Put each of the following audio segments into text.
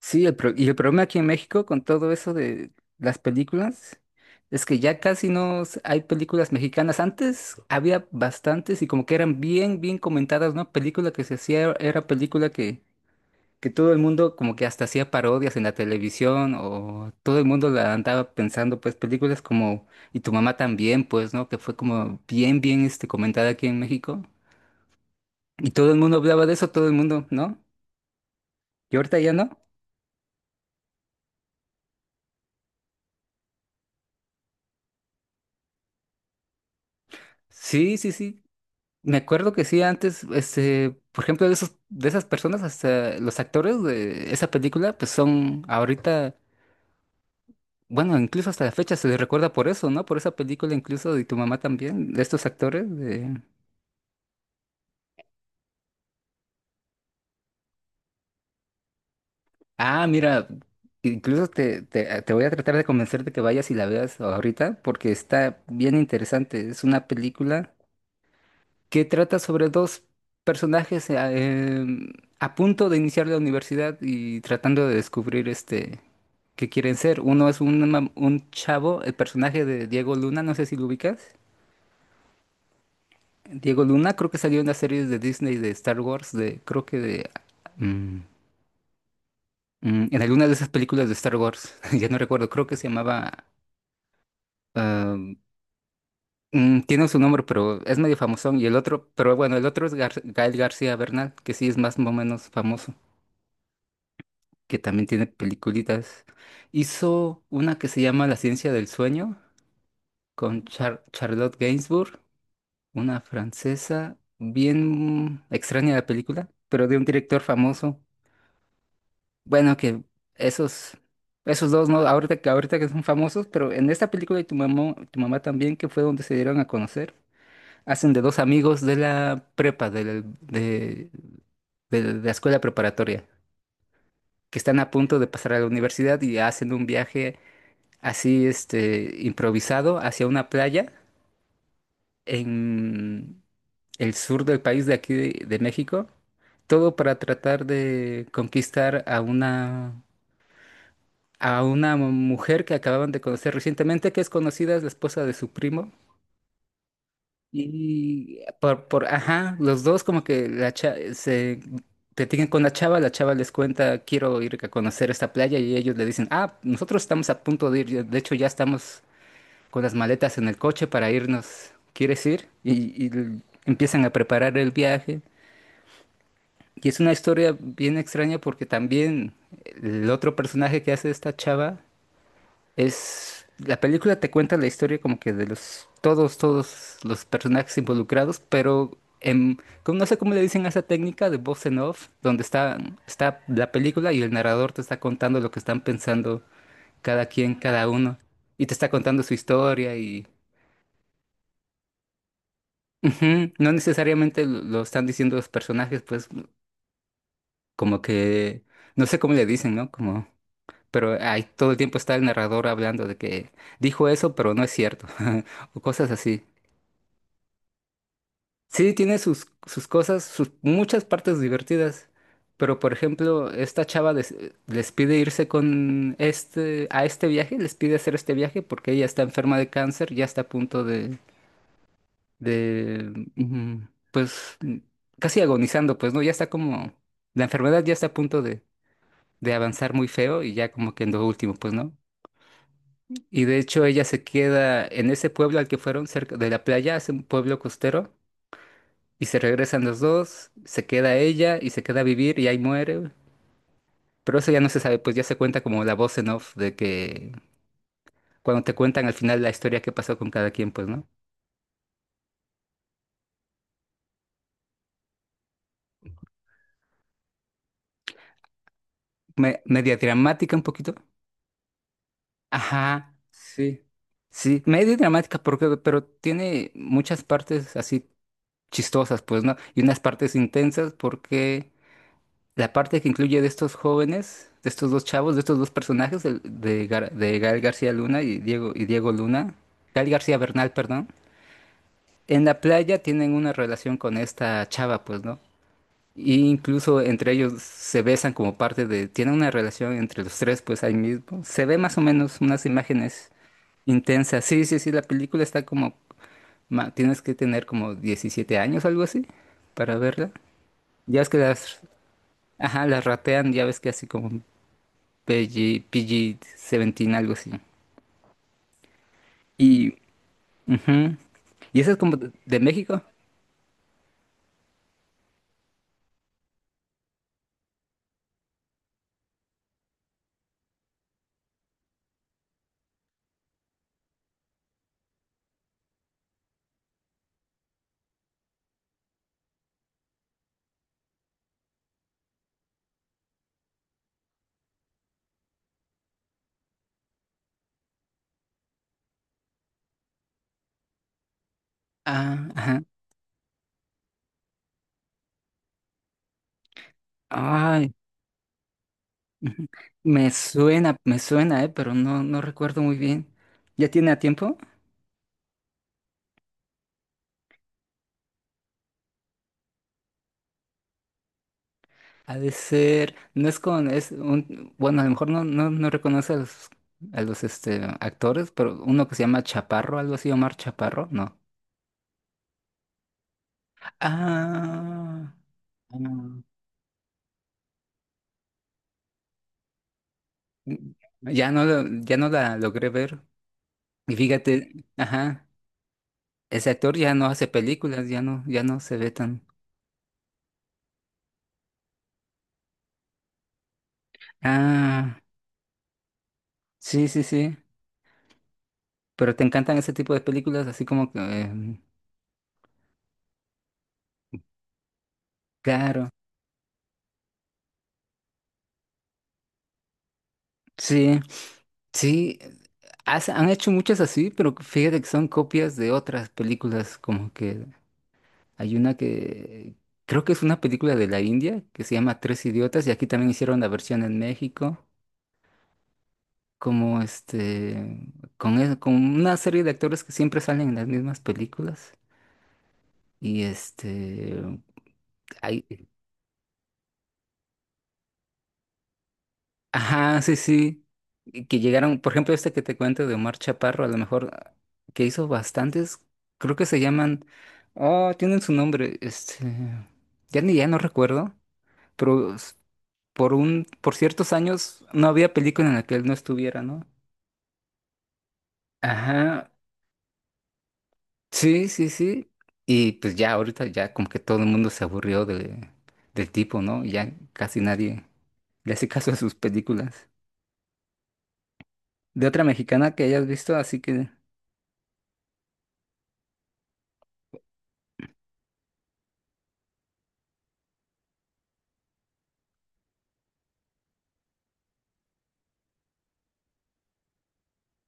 Sí, y el problema aquí en México con todo eso de las películas es que ya casi no hay películas mexicanas. Antes había bastantes y como que eran bien, bien comentadas, ¿no? Película que se hacía, era película que todo el mundo como que hasta hacía parodias en la televisión o todo el mundo la andaba pensando, pues películas como Y tu mamá también, pues, ¿no? Que fue como bien, bien comentada aquí en México. Y todo el mundo hablaba de eso, todo el mundo, ¿no? Y ahorita ya no. Sí, sí, sí. Me acuerdo que sí, antes, por ejemplo, de esas personas, hasta los actores de esa película, pues son ahorita, bueno, incluso hasta la fecha se les recuerda por eso, ¿no? Por esa película, incluso, Y tu mamá también, de estos actores de... Ah, mira, incluso te voy a tratar de convencer de que vayas y la veas ahorita, porque está bien interesante. Es una película que trata sobre dos personajes a punto de iniciar la universidad y tratando de descubrir que quieren ser. Uno es un chavo, el personaje de Diego Luna, no sé si lo ubicas. Diego Luna creo que salió en las series de Disney de Star Wars, de creo que de... mm, en alguna de esas películas de Star Wars, ya no recuerdo, creo que se llamaba... ah, Tiene su nombre, pero es medio famosón. Y el otro, pero bueno, el otro es Gael García Bernal, que sí es más o menos famoso, que también tiene peliculitas. Hizo una que se llama La ciencia del sueño con Charlotte Gainsbourg. Una francesa bien extraña la película, pero de un director famoso. Bueno, que esos, dos, ¿no? Ahorita, ahorita que son famosos, pero en esta película Y tu mamá también, que fue donde se dieron a conocer, hacen de dos amigos de la prepa, de la escuela preparatoria, que están a punto de pasar a la universidad y hacen un viaje así, improvisado hacia una playa en el sur del país de aquí de México. Todo para tratar de conquistar a una, mujer que acababan de conocer recientemente, que es conocida, es la esposa de su primo. Y ajá, los dos como que se platican con la chava les cuenta, quiero ir a conocer esta playa y ellos le dicen, ah, nosotros estamos a punto de ir, de hecho ya estamos con las maletas en el coche para irnos, ¿quieres ir? Empiezan a preparar el viaje. Y es una historia bien extraña porque también el otro personaje que hace esta chava es... La película te cuenta la historia como que todos los personajes involucrados, pero no sé cómo le dicen a esa técnica de voz en off, donde está, la película y el narrador te está contando lo que están pensando cada quien, cada uno, y te está contando su historia y... Ujú. No necesariamente lo están diciendo los personajes, pues como que... No sé cómo le dicen, ¿no? Como... pero ahí todo el tiempo está el narrador hablando de que dijo eso, pero no es cierto, o cosas así. Sí, tiene sus cosas, sus muchas partes divertidas, pero por ejemplo, esta chava les pide irse con a este viaje, les pide hacer este viaje porque ella está enferma de cáncer, ya está a punto de, de, mm, pues, casi agonizando, pues, ¿no? Ya está como, la enfermedad ya está a punto de, avanzar muy feo y ya como que en lo último, pues, ¿no? Y de hecho ella se queda en ese pueblo al que fueron cerca de la playa, es un pueblo costero, y se regresan los dos, se queda ella y se queda a vivir y ahí muere. Pero eso ya no se sabe, pues ya se cuenta como la voz en off de que cuando te cuentan al final la historia que pasó con cada quien, pues, ¿no? Media dramática un poquito. Ajá, sí. Sí, medio dramática porque, pero tiene muchas partes así chistosas, pues, ¿no? Y unas partes intensas porque la parte que incluye de estos jóvenes, de estos dos chavos, de estos dos personajes, de Gael García Luna y Diego Luna, Gael García Bernal, perdón, en la playa tienen una relación con esta chava, pues, ¿no? Y incluso entre ellos se besan como parte de, tienen una relación entre los tres, pues ahí mismo. Se ve más o menos unas imágenes intensas. Sí, sí, sí, la película está como, tienes que tener como 17 años, algo así, para verla. Ya ves que ajá, las ratean, ya ves que así como PG, PG-17, algo así. Y, ujú. ¿Y eso es como de México? Ah, ajá. Ay, ujú. Me suena, me suena, pero no, no recuerdo muy bien. ¿Ya tiene a tiempo? Ha de ser, no es con, es un, bueno, a lo mejor no, no, no reconoce a los, actores, pero uno que se llama Chaparro, algo así, Omar Chaparro, no. Ah, ah, ya no la logré ver. Y fíjate, ajá, ese actor ya no hace películas, ya no se ve tan. Ah, sí, sí, sí. Pero te encantan ese tipo de películas, así como que, claro. Sí, sí. Han hecho muchas así, pero fíjate que son copias de otras películas, como que hay una que creo que es una película de la India que se llama Tres Idiotas y aquí también hicieron la versión en México, como con una serie de actores que siempre salen en las mismas películas y hay- ajá, sí, sí. Y que llegaron, por ejemplo, este que te cuento de Omar Chaparro, a lo mejor que hizo bastantes, creo que se llaman, oh, tienen su nombre, ya no recuerdo, pero por ciertos años no había película en la que él no estuviera, ¿no? Ajá, sí, sí, sí. Y pues ya ahorita ya como que todo el mundo se aburrió de, del tipo, ¿no? Y ya casi nadie le hace caso a sus películas. De otra mexicana que hayas visto, así que...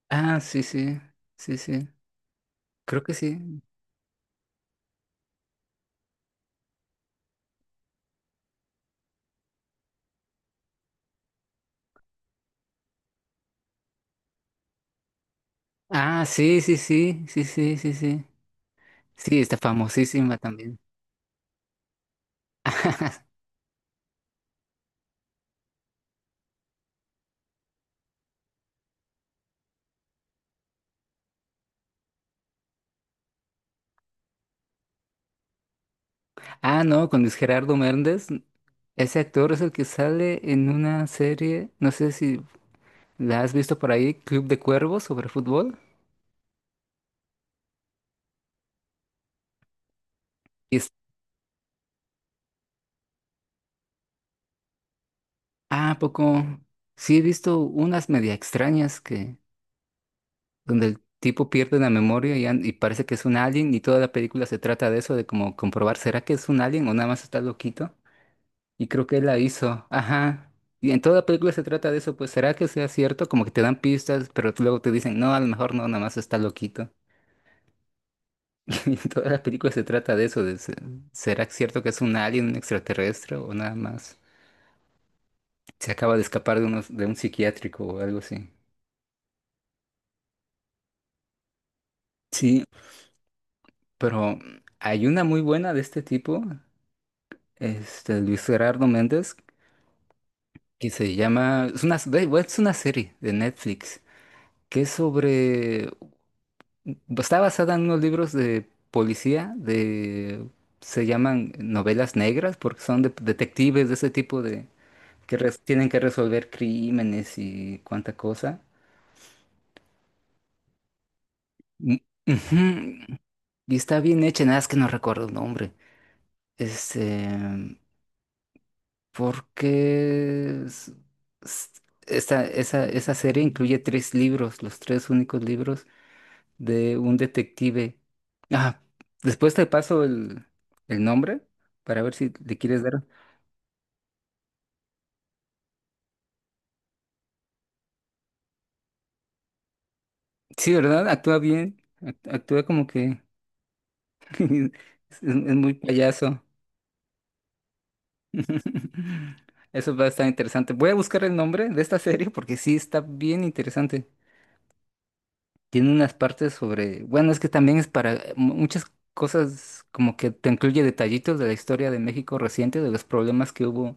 Ah, sí, sí, sí, sí. Creo que sí. Ah, sí, sí, sí, sí, sí, sí, sí. Sí, está famosísima también. Ah, no, con Luis Gerardo Méndez. Ese actor es el que sale en una serie, no sé si la has visto por ahí, Club de Cuervos, sobre fútbol. Y es, ¿a poco? Sí, he visto unas media extrañas que, donde el tipo pierde la memoria y, y parece que es un alien y toda la película se trata de eso, de como comprobar, ¿será que es un alien o nada más está loquito? Y creo que él la hizo. Ajá. Y en toda película se trata de eso, pues ¿será que sea cierto? Como que te dan pistas, pero tú luego te dicen, no, a lo mejor no, nada más está loquito. Y toda la película se trata de eso, de, ¿será cierto que es un alien, un extraterrestre o nada más? Se acaba de escapar de, de un psiquiátrico o algo así. Sí, pero hay una muy buena de este tipo, este Luis Gerardo Méndez, que se llama, es una, da igual, es una serie de Netflix que es sobre... Está basada en unos libros de policía, de se llaman novelas negras, porque son detectives de ese tipo de que tienen que resolver crímenes y cuánta cosa. Mm, ujú. Y está bien hecha, nada es que no recuerdo el nombre. Este, porque es- esa serie incluye tres libros, los tres únicos libros de un detective. Ah, después te paso el, nombre para ver si le quieres dar. Sí, ¿verdad? Actúa bien. Actúa como que es muy payaso. Eso va a estar interesante. Voy a buscar el nombre de esta serie porque sí está bien interesante. Tiene unas partes sobre, bueno, es que también es para muchas cosas como que te incluye detallitos de la historia de México reciente, de los problemas que hubo,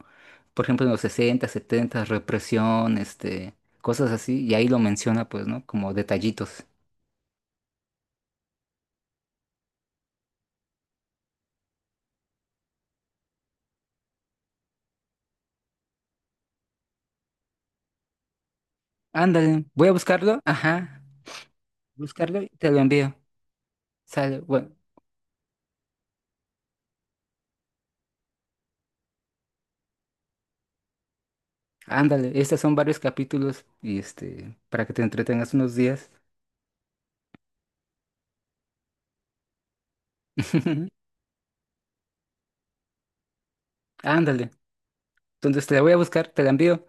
por ejemplo, en los 60, 70, represión, cosas así, y ahí lo menciona, pues, ¿no? Como detallitos. Ándale, voy a buscarlo, ajá, buscarlo y te lo envío. Sale, bueno, ándale, estos son varios capítulos y para que te entretengas unos días. Ándale, entonces te la voy a buscar, te la envío.